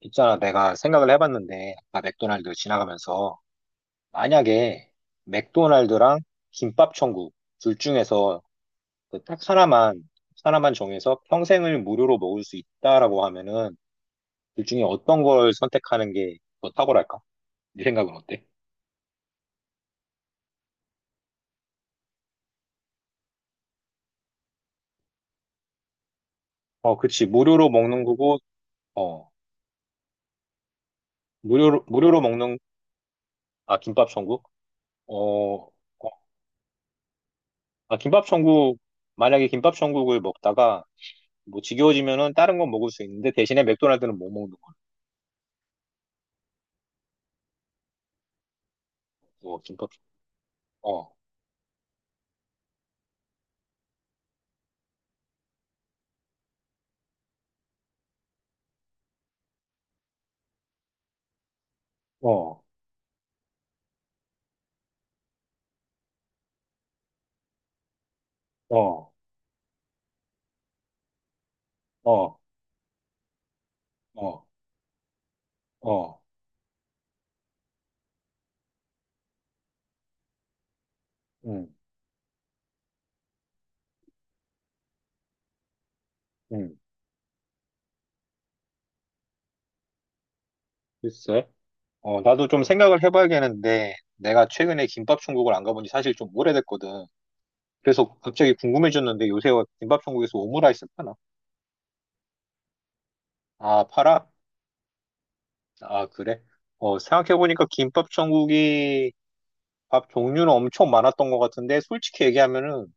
있잖아, 내가 생각을 해봤는데, 아까 맥도날드 지나가면서, 만약에 맥도날드랑 김밥천국 둘 중에서 그딱 하나만, 하나만 정해서 평생을 무료로 먹을 수 있다라고 하면은, 둘 중에 어떤 걸 선택하는 게 더 탁월할까? 네 생각은 어때? 어, 그치. 무료로 먹는 거고, 어, 무료로, 무료로 먹는, 아, 김밥천국? 어, 어, 아, 김밥천국, 만약에 김밥천국을 먹다가, 뭐 지겨워지면은 다른 건 먹을 수 있는데 대신에 맥도날드는 못 먹는 어, 김밥. 어, 어, 어, 어, 어, 어, 음, 음. 글쎄. 어, 나도 좀 생각을 해봐야겠는데, 내가 최근에 김밥 천국을 안 가본 지 사실 좀 오래됐거든. 그래서 갑자기 궁금해졌는데, 요새 김밥 천국에서 오므라이스 파나? 아, 팔아? 아, 그래? 어, 생각해보니까 김밥 천국이 밥 종류는 엄청 많았던 것 같은데, 솔직히 얘기하면은,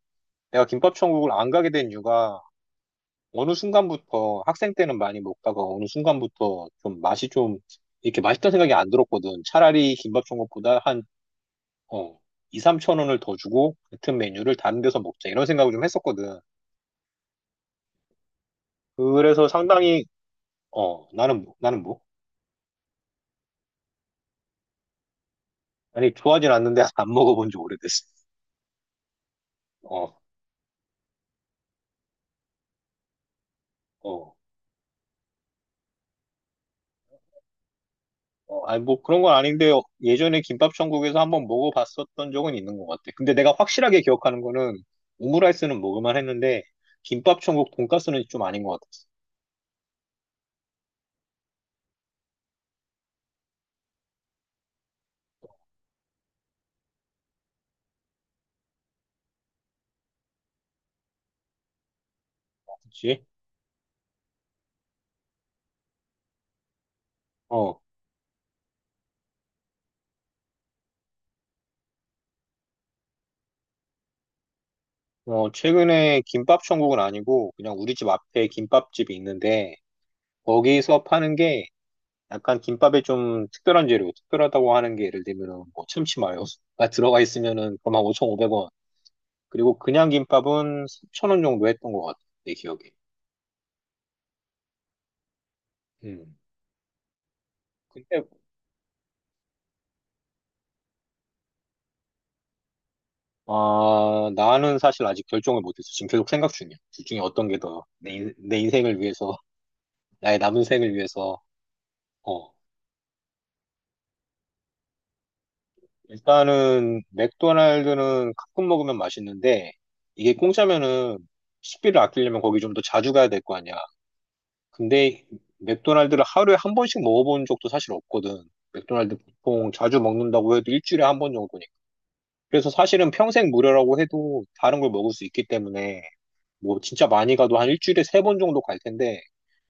내가 김밥 천국을 안 가게 된 이유가, 어느 순간부터 학생 때는 많이 먹다가 어느 순간부터 좀 맛이 좀 이렇게 맛있다는 생각이 안 들었거든. 차라리 김밥 천국보다 한 어, 2, 3천 원을 더 주고 같은 메뉴를 다른 데서 먹자 이런 생각을 좀 했었거든. 그래서 상당히 어 나는 뭐 아니 좋아하진 않는데 안 먹어본 지 오래됐어. 어, 어, 어, 아니 뭐 그런 건 아닌데 예전에 김밥 천국에서 한번 먹어봤었던 적은 있는 것 같아. 근데 내가 확실하게 기억하는 거는 오므라이스는 먹을만 했는데 김밥 천국 돈가스는 좀 아닌 것 같아. 그치? 어, 어, 최근에 김밥 천국은 아니고 그냥 우리 집 앞에 김밥집이 있는데 거기서 파는 게 약간 김밥에 좀 특별한 재료, 특별하다고 하는 게 예를 들면은 뭐 참치마요가 들어가 있으면은 그만 5,500원. 그리고 그냥 김밥은 3,000원 정도 했던 것 같아, 내 기억에. 음. 근데 아, 나는 사실 아직 결정을 못했어. 지금 계속 생각 중이야. 둘 중에 어떤 게 더 내 인생을 위해서, 나의 남은 생을 위해서 어. 일단은 맥도날드는 가끔 먹으면 맛있는데 이게 공짜면은 식비를 아끼려면 거기 좀 더 자주 가야 될 거 아니야. 근데 맥도날드를 하루에 한 번씩 먹어본 적도 사실 없거든. 맥도날드 보통 자주 먹는다고 해도 일주일에 한 번 정도니까. 그래서 사실은 평생 무료라고 해도 다른 걸 먹을 수 있기 때문에 뭐 진짜 많이 가도 한 일주일에 세 번 정도 갈 텐데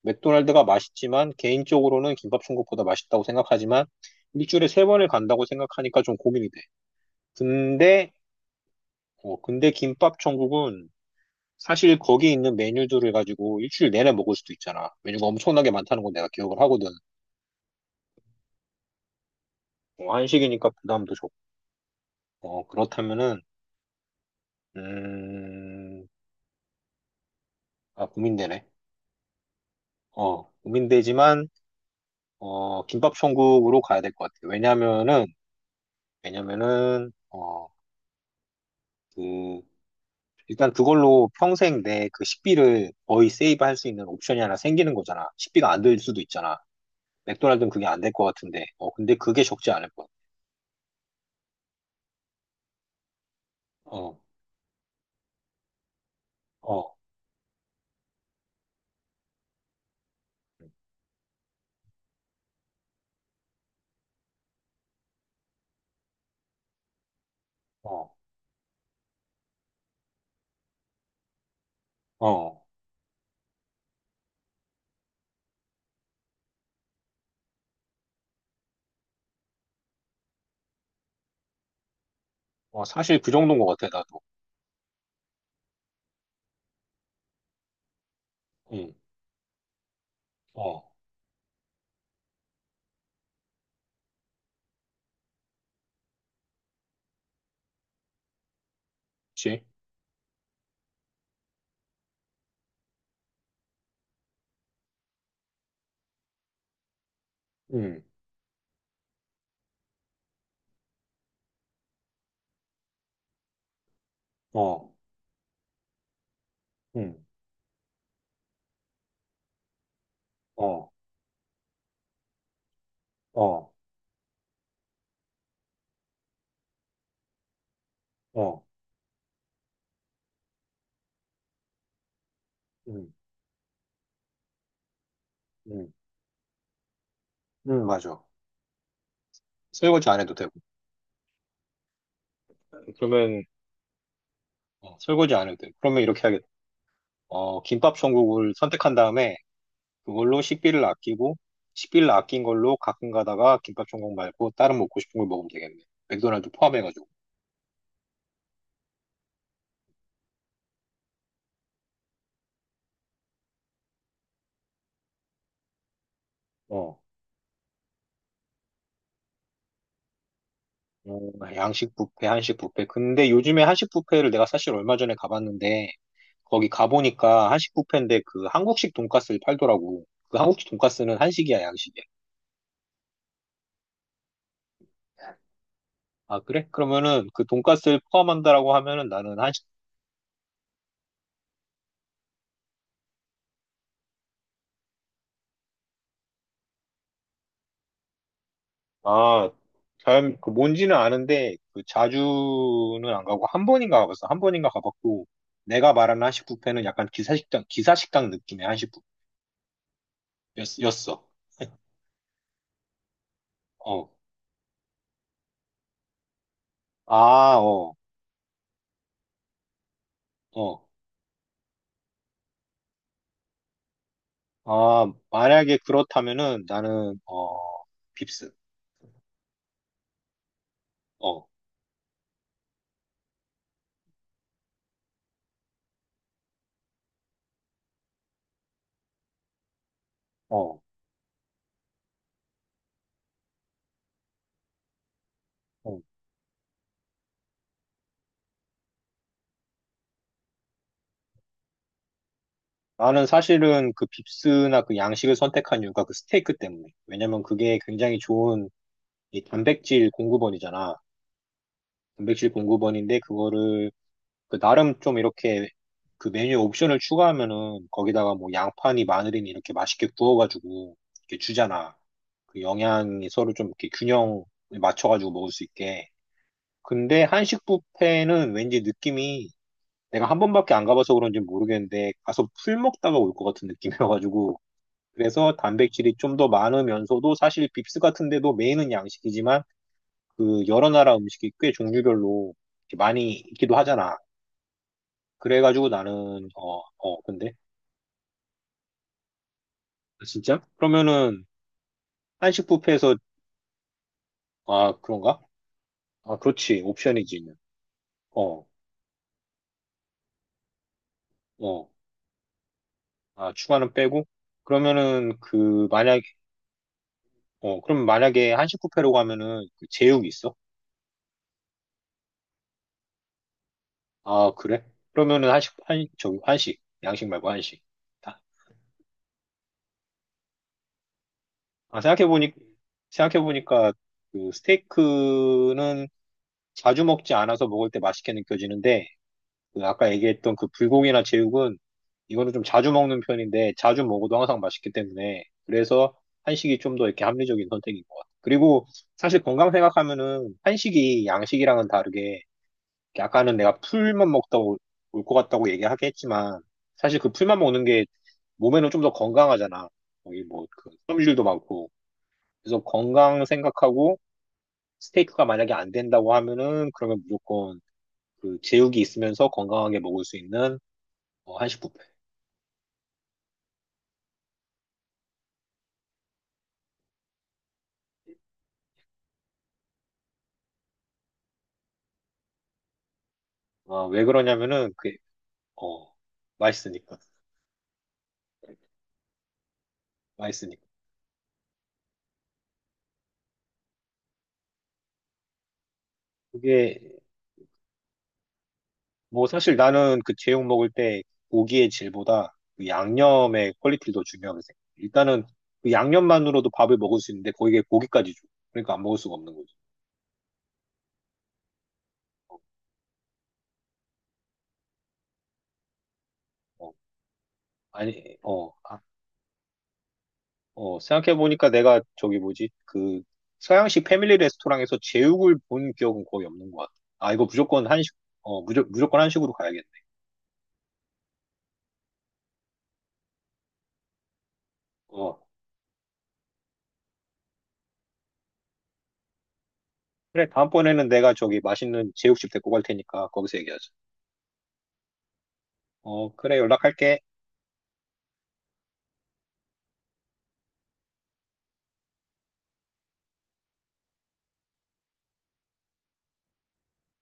맥도날드가 맛있지만 개인적으로는 김밥 천국보다 맛있다고 생각하지만 일주일에 세 번을 간다고 생각하니까 좀 고민이 돼. 근데 어, 근데 김밥 천국은 사실 거기 있는 메뉴들을 가지고 일주일 내내 먹을 수도 있잖아. 메뉴가 엄청나게 많다는 건 내가 기억을 하거든. 어, 한식이니까 부담도 적고. 어, 그렇다면은, 음, 아, 고민되네. 어, 고민되지만, 어, 김밥 천국으로 가야 될 것 같아. 왜냐면은, 왜냐면은, 어, 그, 일단 그걸로 평생 내 그 식비를 거의 세이브할 수 있는 옵션이 하나 생기는 거잖아. 식비가 안 들 수도 있잖아. 맥도날드는 그게 안 될 것 같은데. 어, 근데 그게 적지 않을 거야. 어. 어, 어, 어, 어, 사실 그 정도인 것 같아, 나도. 응, 어, 그치? 응, 어, 응, 어, 어, 어, 응, 응, 응, 응, 맞아. 설거지 안 해도 되고. 그러면, 어, 설거지 안 해도 되고. 그러면 이렇게 하겠다. 어, 김밥 천국을 선택한 다음에 그걸로 식비를 아끼고, 식비를 아낀 걸로 가끔 가다가 김밥 천국 말고 다른 먹고 싶은 걸 먹으면 되겠네. 맥도날드 포함해가지고. 어. 어, 양식 뷔페, 한식 뷔페. 근데 요즘에 한식 뷔페를 내가 사실 얼마 전에 가봤는데, 거기 가보니까 한식 뷔페인데 그 한국식 돈가스를 팔더라고. 그 한국식 돈가스는 한식이야, 양식이야? 아, 그래? 그러면은 그 돈가스를 포함한다라고 하면은 나는 한식, 아, 잘, 그 뭔지는 아는데 그 자주는 안 가고 한 번인가 가봤어. 한 번인가 가봤고 내가 말하는 한식 뷔페는 약간 기사식당, 기사식당 느낌의 한식 뷔페였어. 어. 아, 어, 어. 아, 만약에 그렇다면은 나는, 어, 빕스. 어, 어. 어. 나는 사실은 그 빕스나 그 양식을 선택한 이유가 그 스테이크 때문에. 왜냐면 그게 굉장히 좋은 이 단백질 공급원이잖아. 단백질 공급원인데 그거를 그 나름 좀 이렇게 그 메뉴 옵션을 추가하면은 거기다가 뭐 양파니 마늘이니 이렇게 맛있게 구워가지고 이렇게 주잖아. 그 영양이 서로 좀 이렇게 균형을 맞춰가지고 먹을 수 있게. 근데 한식 뷔페는 왠지 느낌이 내가 한 번밖에 안 가봐서 그런지 모르겠는데 가서 풀 먹다가 올 것 같은 느낌이어가지고 그래서 단백질이 좀 더 많으면서도 사실 빕스 같은 데도 메인은 양식이지만 그 여러 나라 음식이 꽤 종류별로 이렇게 많이 있기도 하잖아. 그래가지고 나는 어, 어, 근데 아, 진짜? 그러면은 한식 뷔페에서 아, 그런가? 아, 그렇지. 옵션이지. 어, 어. 아, 추가는 빼고 그러면은 그 만약에 어, 그럼 만약에 한식 뷔페로 가면은 그 제육이 있어? 아, 그래? 그러면은 한식 한 저기 한식 양식 말고 한식. 아, 생각해보니까, 그, 스테이크는 자주 먹지 않아서 먹을 때 맛있게 느껴지는데, 그 아까 얘기했던 그 불고기나 제육은, 이거는 좀 자주 먹는 편인데, 자주 먹어도 항상 맛있기 때문에, 그래서 한식이 좀 더 이렇게 합리적인 선택인 것 같아. 그리고, 사실 건강 생각하면은, 한식이 양식이랑은 다르게, 아까는 내가 풀만 먹다 올 것 같다고 얘기하긴 했지만, 사실 그 풀만 먹는 게 몸에는 좀 더 건강하잖아. 거기 뭐, 그 섬유질도 많고, 그래서 건강 생각하고 스테이크가 만약에 안 된다고 하면은 그러면 무조건 그 제육이 있으면서 건강하게 먹을 수 있는 어, 한식 뷔페. 아, 왜 그러냐면은 그게 어 맛있으니까 맛있으니까. 그게 뭐 사실 나는 그 제육 먹을 때 고기의 질보다 그 양념의 퀄리티를 더 중요하게 생각해. 일단은 그 양념만으로도 밥을 먹을 수 있는데 거기에 고기까지 줘. 그러니까 안 먹을 수가 없는 거지. 어, 어, 아니, 어, 아, 어, 생각해보니까 내가 저기 뭐지? 그 서양식 패밀리 레스토랑에서 제육을 본 기억은 거의 없는 것 같아. 아, 이거 무조건 한식, 어, 무조건 한식으로 가야겠네. 어, 그래. 다음번에는 내가 저기 맛있는 제육집 데리고 갈 테니까 거기서 얘기하자. 어, 그래. 연락할게.